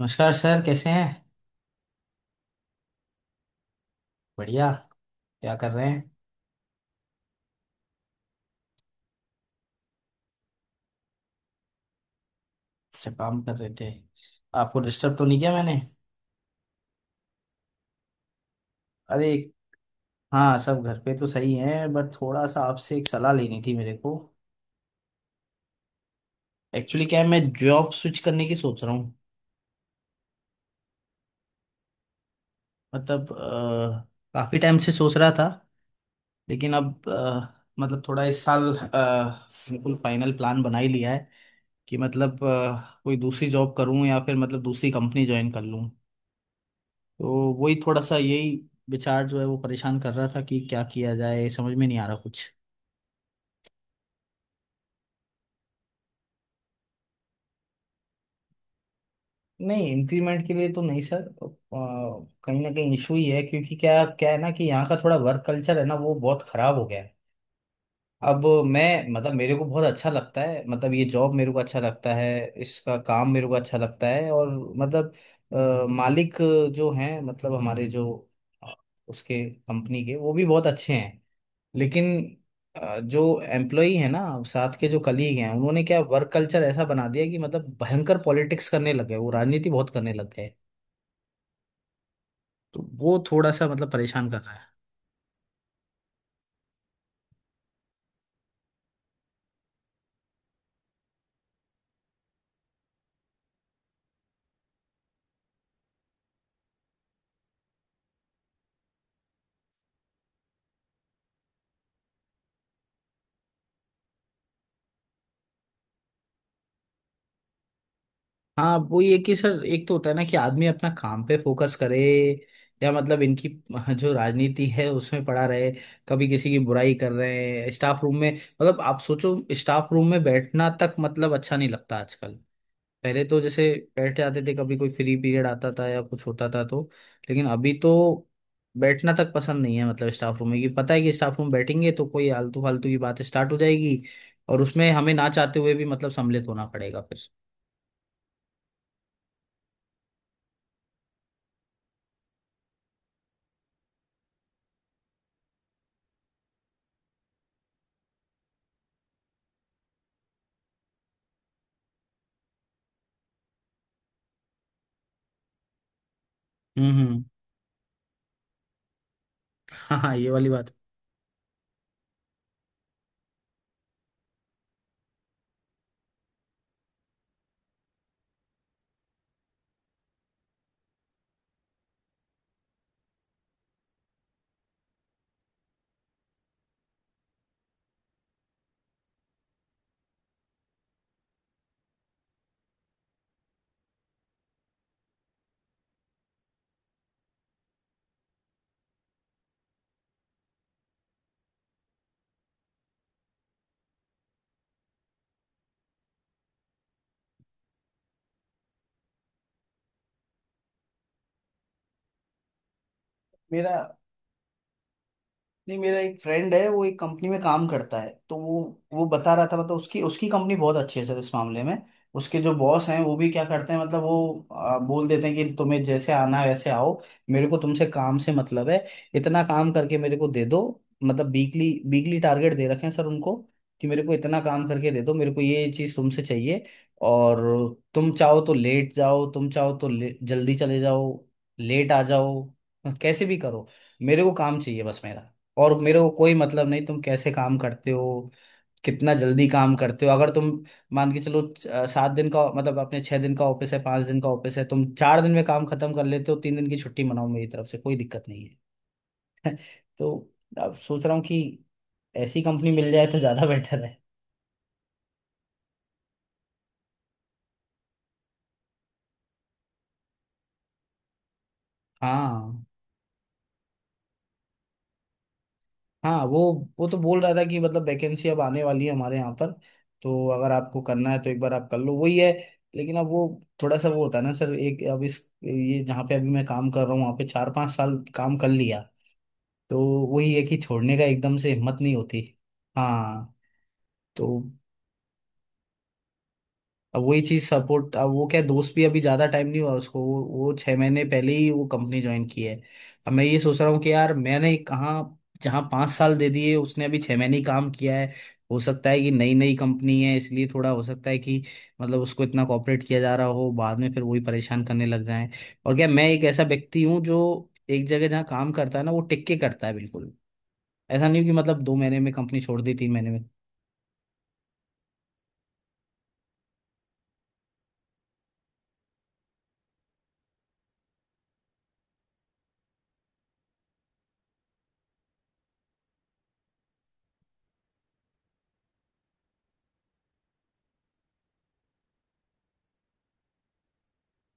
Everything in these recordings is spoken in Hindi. नमस्कार सर, कैसे हैं? बढ़िया। क्या कर रहे हैं? अच्छा, काम कर रहे थे। आपको डिस्टर्ब तो नहीं किया मैंने? अरे। हाँ, सब घर पे तो सही हैं, बट थोड़ा सा आपसे एक सलाह लेनी थी मेरे को। एक्चुअली क्या है, मैं जॉब स्विच करने की सोच रहा हूँ। मतलब काफी टाइम से सोच रहा था, लेकिन अब मतलब थोड़ा इस साल बिल्कुल फाइनल प्लान बना ही लिया है कि मतलब कोई दूसरी जॉब करूँ या फिर मतलब दूसरी कंपनी ज्वाइन कर लूँ। तो वही थोड़ा सा, यही विचार जो है वो परेशान कर रहा था कि क्या किया जाए, समझ में नहीं आ रहा कुछ। नहीं, इंक्रीमेंट के लिए तो नहीं सर, कहीं ना कहीं इशू ही है, क्योंकि क्या क्या है ना कि यहाँ का थोड़ा वर्क कल्चर है ना, वो बहुत खराब हो गया है। अब मैं मतलब मेरे को बहुत अच्छा लगता है, मतलब ये जॉब मेरे को अच्छा लगता है। इसका काम मेरे को अच्छा लगता है, और मतलब मालिक जो हैं, मतलब हमारे जो अ, उसके कंपनी के, वो भी बहुत अच्छे हैं। लेकिन जो एम्प्लॉई है ना, साथ के जो कलीग हैं, उन्होंने क्या वर्क कल्चर ऐसा बना दिया कि मतलब भयंकर पॉलिटिक्स करने लग गए, वो राजनीति बहुत करने लग गए। तो वो थोड़ा सा मतलब परेशान कर रहा है। हाँ, वो ये कि सर एक तो होता है ना कि आदमी अपना काम पे फोकस करे, या मतलब इनकी जो राजनीति है उसमें पड़ा रहे। कभी किसी की बुराई कर रहे हैं स्टाफ रूम में, मतलब आप सोचो, स्टाफ रूम में बैठना तक मतलब अच्छा नहीं लगता आजकल। पहले तो जैसे बैठे आते थे, कभी कोई फ्री पीरियड आता था या कुछ होता था तो। लेकिन अभी तो बैठना तक पसंद नहीं है, मतलब स्टाफ रूम में, कि पता है कि स्टाफ रूम बैठेंगे तो कोई आलतू फालतू की बात स्टार्ट हो जाएगी, और उसमें हमें ना चाहते हुए भी मतलब सम्मिलित होना पड़ेगा फिर। हम्म, हम्म। हाँ हाँ, ये वाली बात। मेरा नहीं, मेरा एक फ्रेंड है, वो एक कंपनी में काम करता है, तो वो बता रहा था, मतलब उसकी उसकी कंपनी बहुत अच्छी है सर इस मामले में। उसके जो बॉस हैं वो भी क्या करते हैं, मतलब वो बोल देते हैं कि तुम्हें जैसे आना है वैसे आओ। मेरे को तुमसे काम से मतलब है, इतना काम करके मेरे को दे दो। मतलब वीकली वीकली टारगेट दे रखे हैं सर उनको कि मेरे को इतना काम करके दे दो, मेरे को ये चीज़ तुमसे चाहिए। और तुम चाहो तो लेट जाओ, तुम चाहो तो जल्दी चले जाओ, लेट आ जाओ, कैसे भी करो। मेरे को काम चाहिए बस मेरा। और मेरे को कोई मतलब नहीं तुम कैसे काम करते हो, कितना जल्दी काम करते हो। अगर तुम मान के चलो सात दिन का मतलब अपने छह दिन का ऑफिस है, पांच दिन का ऑफिस है, तुम चार दिन में काम खत्म कर लेते हो, तीन दिन की छुट्टी मनाओ, मेरी तरफ से कोई दिक्कत नहीं है। तो अब सोच रहा हूँ कि ऐसी कंपनी मिल जाए तो ज्यादा बेटर है। हाँ हाँ, वो तो बोल रहा था कि मतलब वैकेंसी अब आने वाली है हमारे यहाँ पर, तो अगर आपको करना है तो एक बार आप कर लो, वही है। लेकिन अब वो थोड़ा सा, वो होता है ना सर, एक अब इस, ये जहाँ पे अभी मैं काम कर रहा हूँ वहाँ पे चार पांच साल काम कर लिया, तो वही है कि छोड़ने का एकदम से हिम्मत नहीं होती। हाँ, तो अब वही चीज सपोर्ट, अब वो क्या दोस्त भी अभी ज्यादा टाइम नहीं हुआ उसको, वो छह महीने पहले ही वो कंपनी ज्वाइन की है। अब मैं ये सोच रहा हूँ कि यार मैंने कहाँ, जहाँ पाँच साल दे दिए, उसने अभी छह महीने ही काम किया है। हो सकता है कि नई नई कंपनी है इसलिए थोड़ा, हो सकता है कि मतलब उसको इतना कॉपरेट किया जा रहा हो, बाद में फिर वही परेशान करने लग जाएं। और क्या, मैं एक ऐसा व्यक्ति हूँ जो एक जगह जहाँ काम करता है ना वो टिक के करता है बिल्कुल। ऐसा नहीं कि मतलब दो महीने में कंपनी छोड़ दी, तीन महीने में।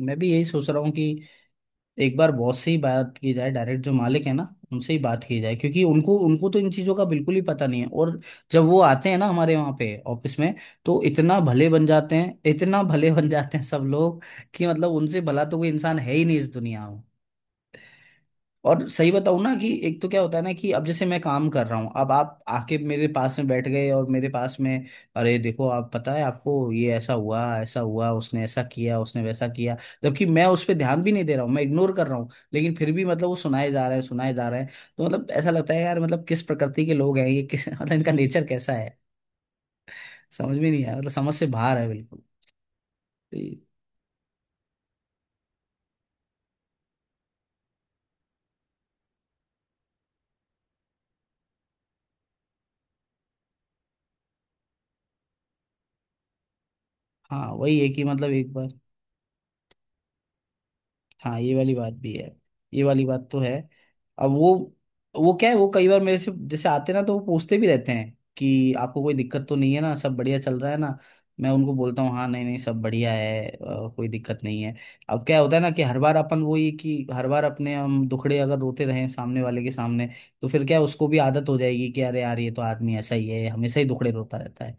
मैं भी यही सोच रहा हूँ कि एक बार बॉस से ही बात की जाए, डायरेक्ट जो मालिक है ना उनसे ही बात की जाए, क्योंकि उनको उनको तो इन चीज़ों का बिल्कुल ही पता नहीं है। और जब वो आते हैं ना हमारे वहाँ पे ऑफिस में, तो इतना भले बन जाते हैं, इतना भले बन जाते हैं सब लोग, कि मतलब उनसे भला तो कोई इंसान है ही नहीं इस दुनिया में। और सही बताऊं ना कि एक तो क्या होता है ना, कि अब जैसे मैं काम कर रहा हूँ, अब आप आके मेरे पास में बैठ गए, और मेरे पास में, अरे देखो आप, पता है आपको, ये ऐसा हुआ ऐसा हुआ, उसने ऐसा किया, उसने वैसा किया। जबकि मैं उस पर ध्यान भी नहीं दे रहा हूँ, मैं इग्नोर कर रहा हूँ, लेकिन फिर भी मतलब वो सुनाए जा रहे हैं, सुनाए जा रहे हैं। तो मतलब ऐसा लगता है यार, मतलब किस प्रकृति के लोग हैं ये, किस मतलब इनका नेचर कैसा है, समझ में नहीं आया, मतलब समझ से बाहर है बिल्कुल। तो हाँ, वही है कि मतलब एक बार। हाँ, ये वाली बात भी है। ये वाली बात तो है। अब वो क्या है, वो कई बार मेरे से जैसे आते ना तो वो पूछते भी रहते हैं कि आपको कोई दिक्कत तो नहीं है ना, सब बढ़िया चल रहा है ना। मैं उनको बोलता हूँ, हाँ, नहीं नहीं, सब बढ़िया है, कोई दिक्कत नहीं है। अब क्या होता है ना कि हर बार अपन वो, ये कि हर बार अपने हम दुखड़े अगर रोते रहें सामने वाले के सामने, तो फिर क्या है, उसको भी आदत हो जाएगी कि अरे यार ये तो आदमी ऐसा ही है, हमेशा ही दुखड़े रोता रहता है।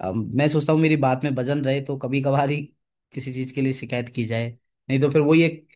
अब मैं सोचता हूँ मेरी बात में वजन रहे तो कभी कभार ही किसी चीज के लिए शिकायत की जाए, नहीं तो फिर वही एक।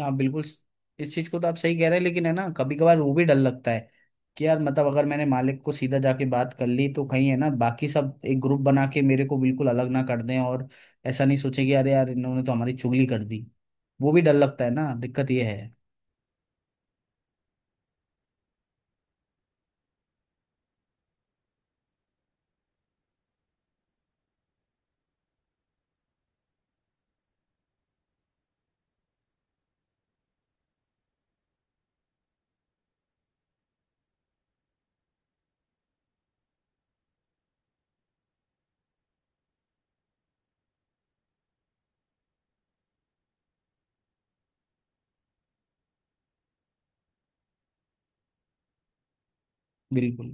हाँ, बिल्कुल, इस चीज को तो आप सही कह रहे हैं, लेकिन है ना, कभी कभार वो भी डर लगता है कि यार मतलब अगर मैंने मालिक को सीधा जाके बात कर ली, तो कहीं है ना, बाकी सब एक ग्रुप बना के मेरे को बिल्कुल अलग ना कर दें, और ऐसा नहीं सोचे कि अरे यार इन्होंने तो हमारी चुगली कर दी, वो भी डर लगता है ना, दिक्कत ये है। बिल्कुल।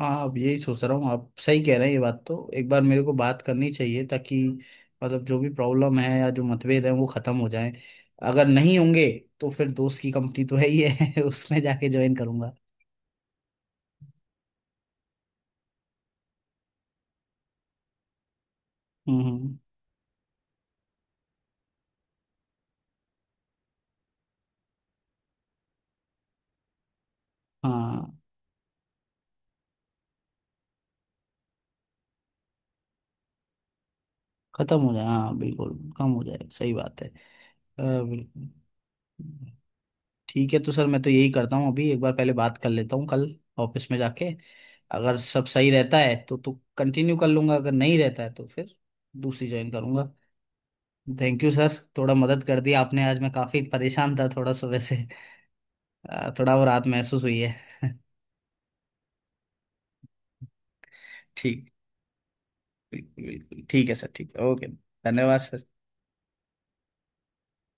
हाँ, अब यही सोच रहा हूँ, आप सही कह रहे हैं, ये बात तो, एक बार मेरे को बात करनी चाहिए ताकि मतलब जो भी प्रॉब्लम है या जो मतभेद है वो खत्म हो जाए। अगर नहीं होंगे तो फिर दोस्त की कंपनी तो है ही है उसमें जाके ज्वाइन करूंगा। हम्म, हाँ, खत्म हो जाए, हाँ बिल्कुल कम हो जाए, सही बात है, बिल्कुल। ठीक है, तो सर मैं तो यही करता हूँ, अभी एक बार पहले बात कर लेता हूँ कल ऑफिस में जाके। अगर सब सही रहता है तो कंटिन्यू कर लूंगा, अगर नहीं रहता है तो फिर दूसरी ज्वाइन करूंगा। थैंक यू सर, थोड़ा मदद कर दी आपने, आज मैं काफी परेशान था, थोड़ा सुबह से थोड़ा वो रात महसूस हुई है। ठीक, बिल्कुल बिल्कुल, ठीक है सर, ठीक है, ओके। धन्यवाद सर।